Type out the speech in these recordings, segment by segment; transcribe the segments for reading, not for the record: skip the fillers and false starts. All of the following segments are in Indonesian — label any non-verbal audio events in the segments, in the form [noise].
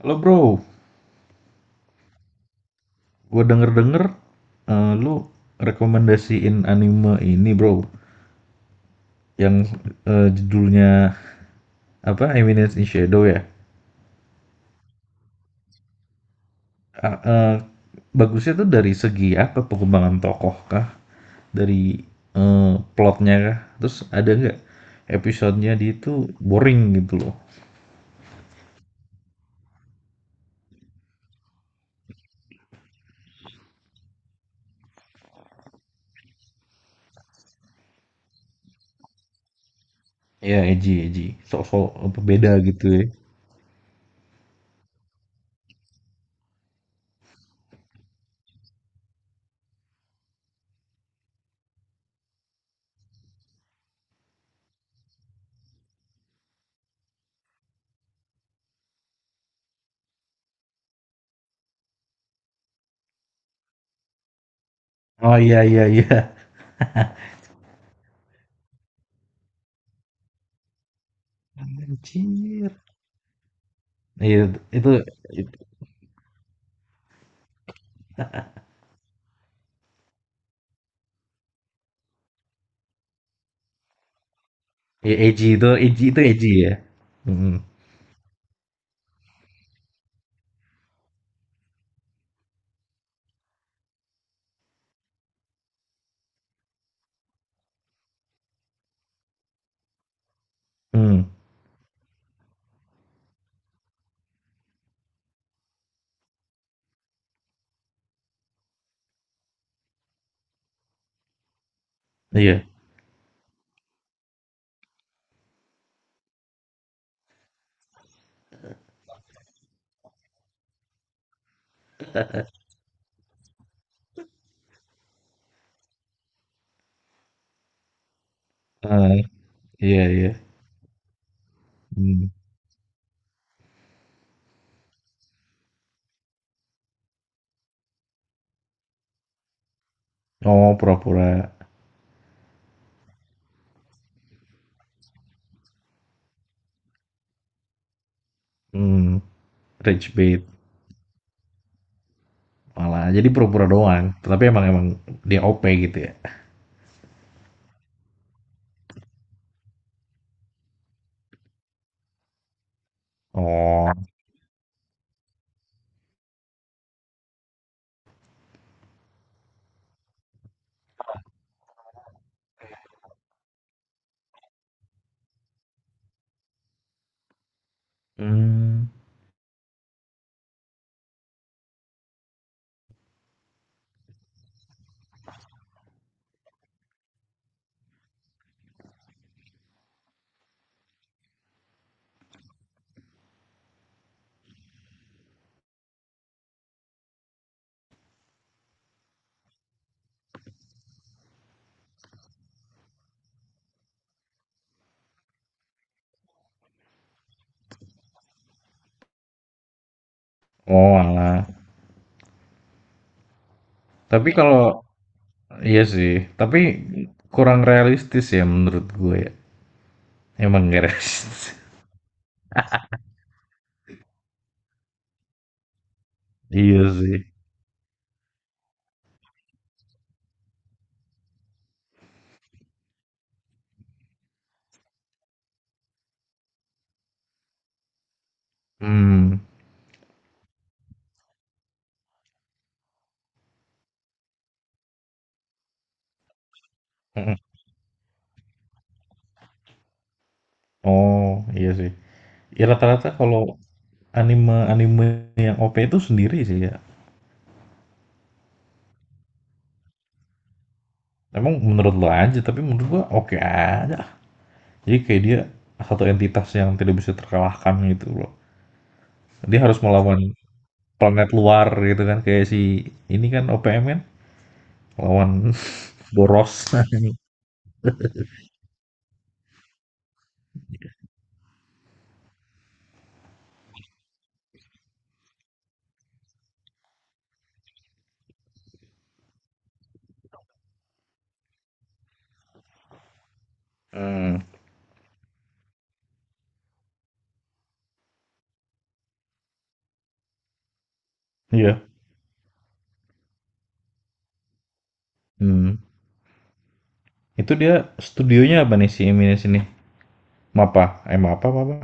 Halo bro, gue denger-denger lu rekomendasiin anime ini bro, yang judulnya apa Eminence in Shadow ya. Ah, bagusnya tuh dari segi apa pengembangan tokoh kah? Dari eh, plotnya kah? Terus ada nggak episodenya dia itu boring gitu loh? Ya edgy, edgy, sok-sok apa beda gitu ya. Oh, iya iya iya. Anjir. Iya, itu, itu ya, edgy itu, edgy itu edgy ya. Mm. Mmm, iya, heeh, iya iya, mmm, oh pura-pura, mmm, rage bait malah, jadi pura-pura doang, tapi emang emang dia OP gitu ya? Oh, mmm, oh alah, tapi kalau iya sih, tapi kurang realistis ya menurut gue ya, emang nggak [laughs] realistis. Iya sih, mmm, mhm, oh, iya sih, ya rata-rata kalau anime-anime yang OP itu sendiri sih ya, emang menurut lo aja, tapi menurut gua oke aja. Jadi kayak dia satu entitas yang tidak bisa terkalahkan gitu loh. Dia harus melawan planet luar gitu kan kayak si ini kan OPM kan lawan [laughs] Boros. [laughs] Hmm. Iya. Hmm. Itu dia studionya apa nih si Eminis ini? Mapa, Mapa apa apa?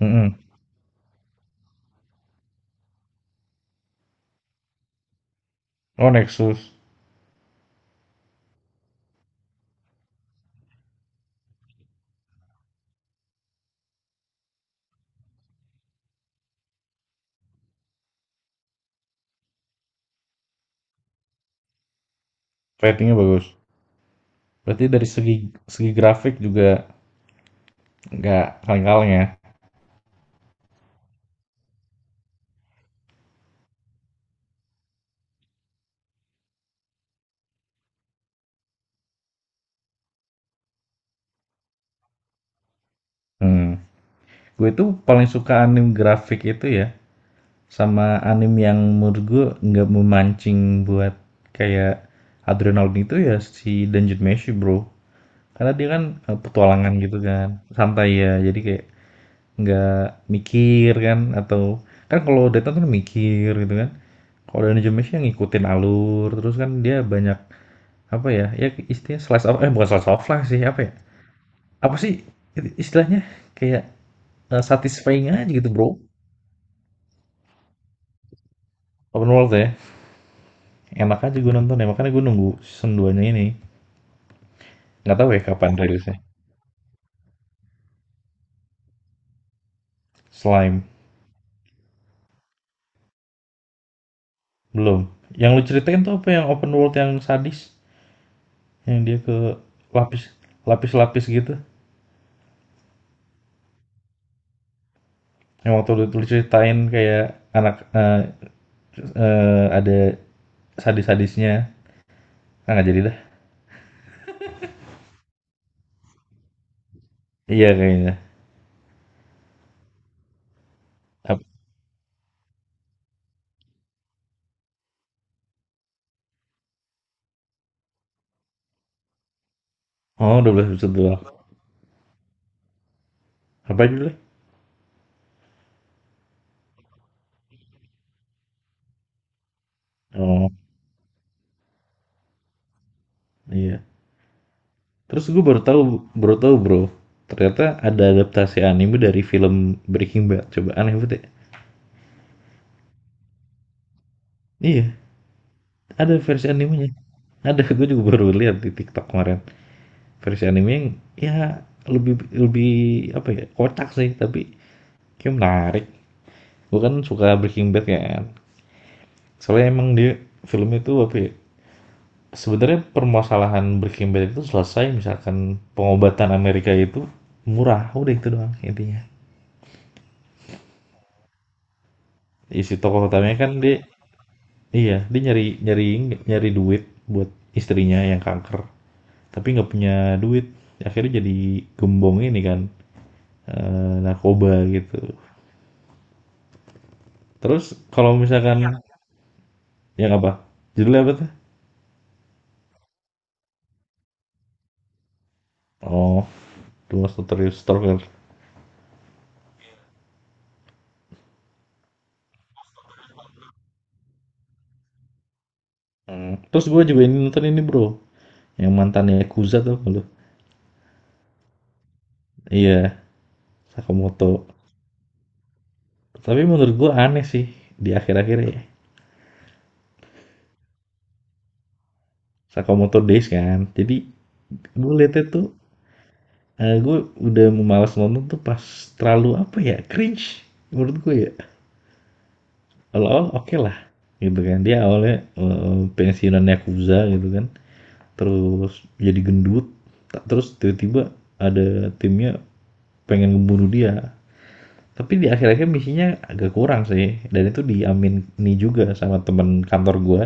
Mm-mm. Oh Nexus, ratingnya bagus. Berarti dari segi segi grafik juga nggak kaleng-kaleng ya. Hmm. Gue itu paling suka anime grafik itu ya. Sama anime yang menurut gue nggak memancing buat kayak adrenalin itu ya si Dungeon Meshi bro. Karena dia kan petualangan gitu kan, santai ya. Jadi kayak nggak mikir kan atau kan kalau Dota tuh mikir gitu kan. Kalau Dungeon Meshi yang ngikutin alur terus kan dia banyak apa ya? Ya istilahnya slice of eh bukan slice of life sih apa ya? Apa sih istilahnya kayak satisfying aja gitu bro. Open world ya enak aja gue nonton ya makanya gue nunggu season 2 nya ini. Nggak tahu ya kapan rilisnya. Slime. Belum. Yang lu ceritain tuh apa yang open world yang sadis? Yang dia ke lapis lapis-lapis gitu. Yang waktu lu ceritain kayak anak ada sadis-sadisnya. Ah, nggak jadi dah. Iya kayaknya. Ap- Oh, 12 episode doang. Apa aja boleh. Oh, iya. Terus gue baru tahu, Bro. Ternyata ada adaptasi anime dari film Breaking Bad. Coba aneh banget ya. Iya, ada versi animenya. Ada, gue juga baru lihat di TikTok kemarin. Versi anime ya lebih lebih apa ya? Kocak sih, tapi kayak menarik. Gue kan suka Breaking Bad ya, kan. Soalnya emang dia film itu apa ya? Sebenarnya permasalahan Breaking Bad itu selesai misalkan pengobatan Amerika itu murah, udah itu doang intinya. Isi tokoh utamanya kan dia iya, dia nyari nyari nyari duit buat istrinya yang kanker, tapi nggak punya duit. Akhirnya jadi gembong ini kan. Narkoba gitu. Terus kalau misalkan. Iya. Yang apa? Judulnya apa tuh? Oh, The Most Notorious Stalker. Mmm, terus gue juga ini nonton ini, Bro, yang mantannya yakuza tuh gak lu? Iya, Sakamoto. Tapi menurut gue aneh sih di akhir-akhir ya, Sakamoto Days kan. Jadi gue liatnya tuh, gue udah mau malas nonton tuh pas terlalu apa ya, cringe menurut gue ya. Awal-awal oke lah gitu kan, dia awalnya, pensiunan yakuza gitu kan. Terus jadi gendut terus tiba-tiba ada timnya pengen ngebunuh dia tapi di akhir-akhir misinya agak kurang sih dan itu diamin nih juga sama teman kantor gue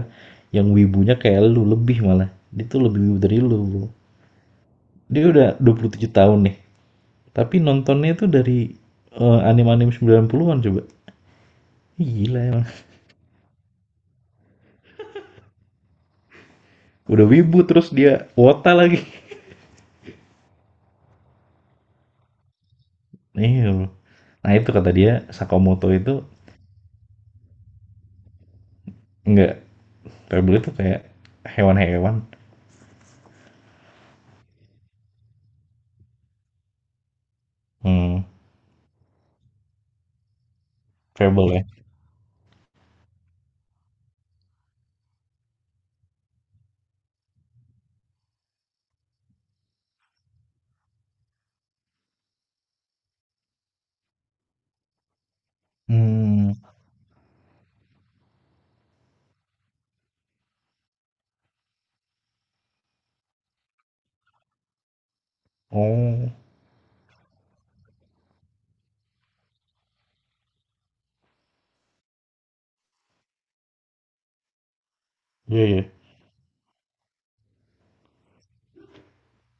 yang wibunya kayak lu lebih malah dia tuh lebih wibu dari lu bro. Dia udah 27 tahun nih tapi nontonnya itu dari anime-anime 90-an coba gila emang. Udah wibu terus dia wota lagi. Iya, nah itu kata dia Sakamoto itu enggak. Pebble itu kayak hewan-hewan. Hmm. Fable ya? Hmm. Oh, iya iya.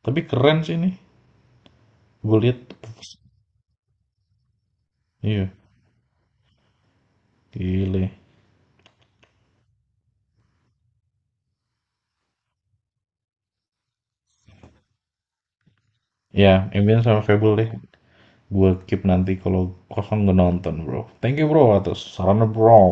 Tapi keren sih ini, gue lihat iya, gile. Ya Ambien sama Fable deh, gue keep nanti kalau kosong gue nonton, Bro. Thank you, Bro, atas sarannya, Bro.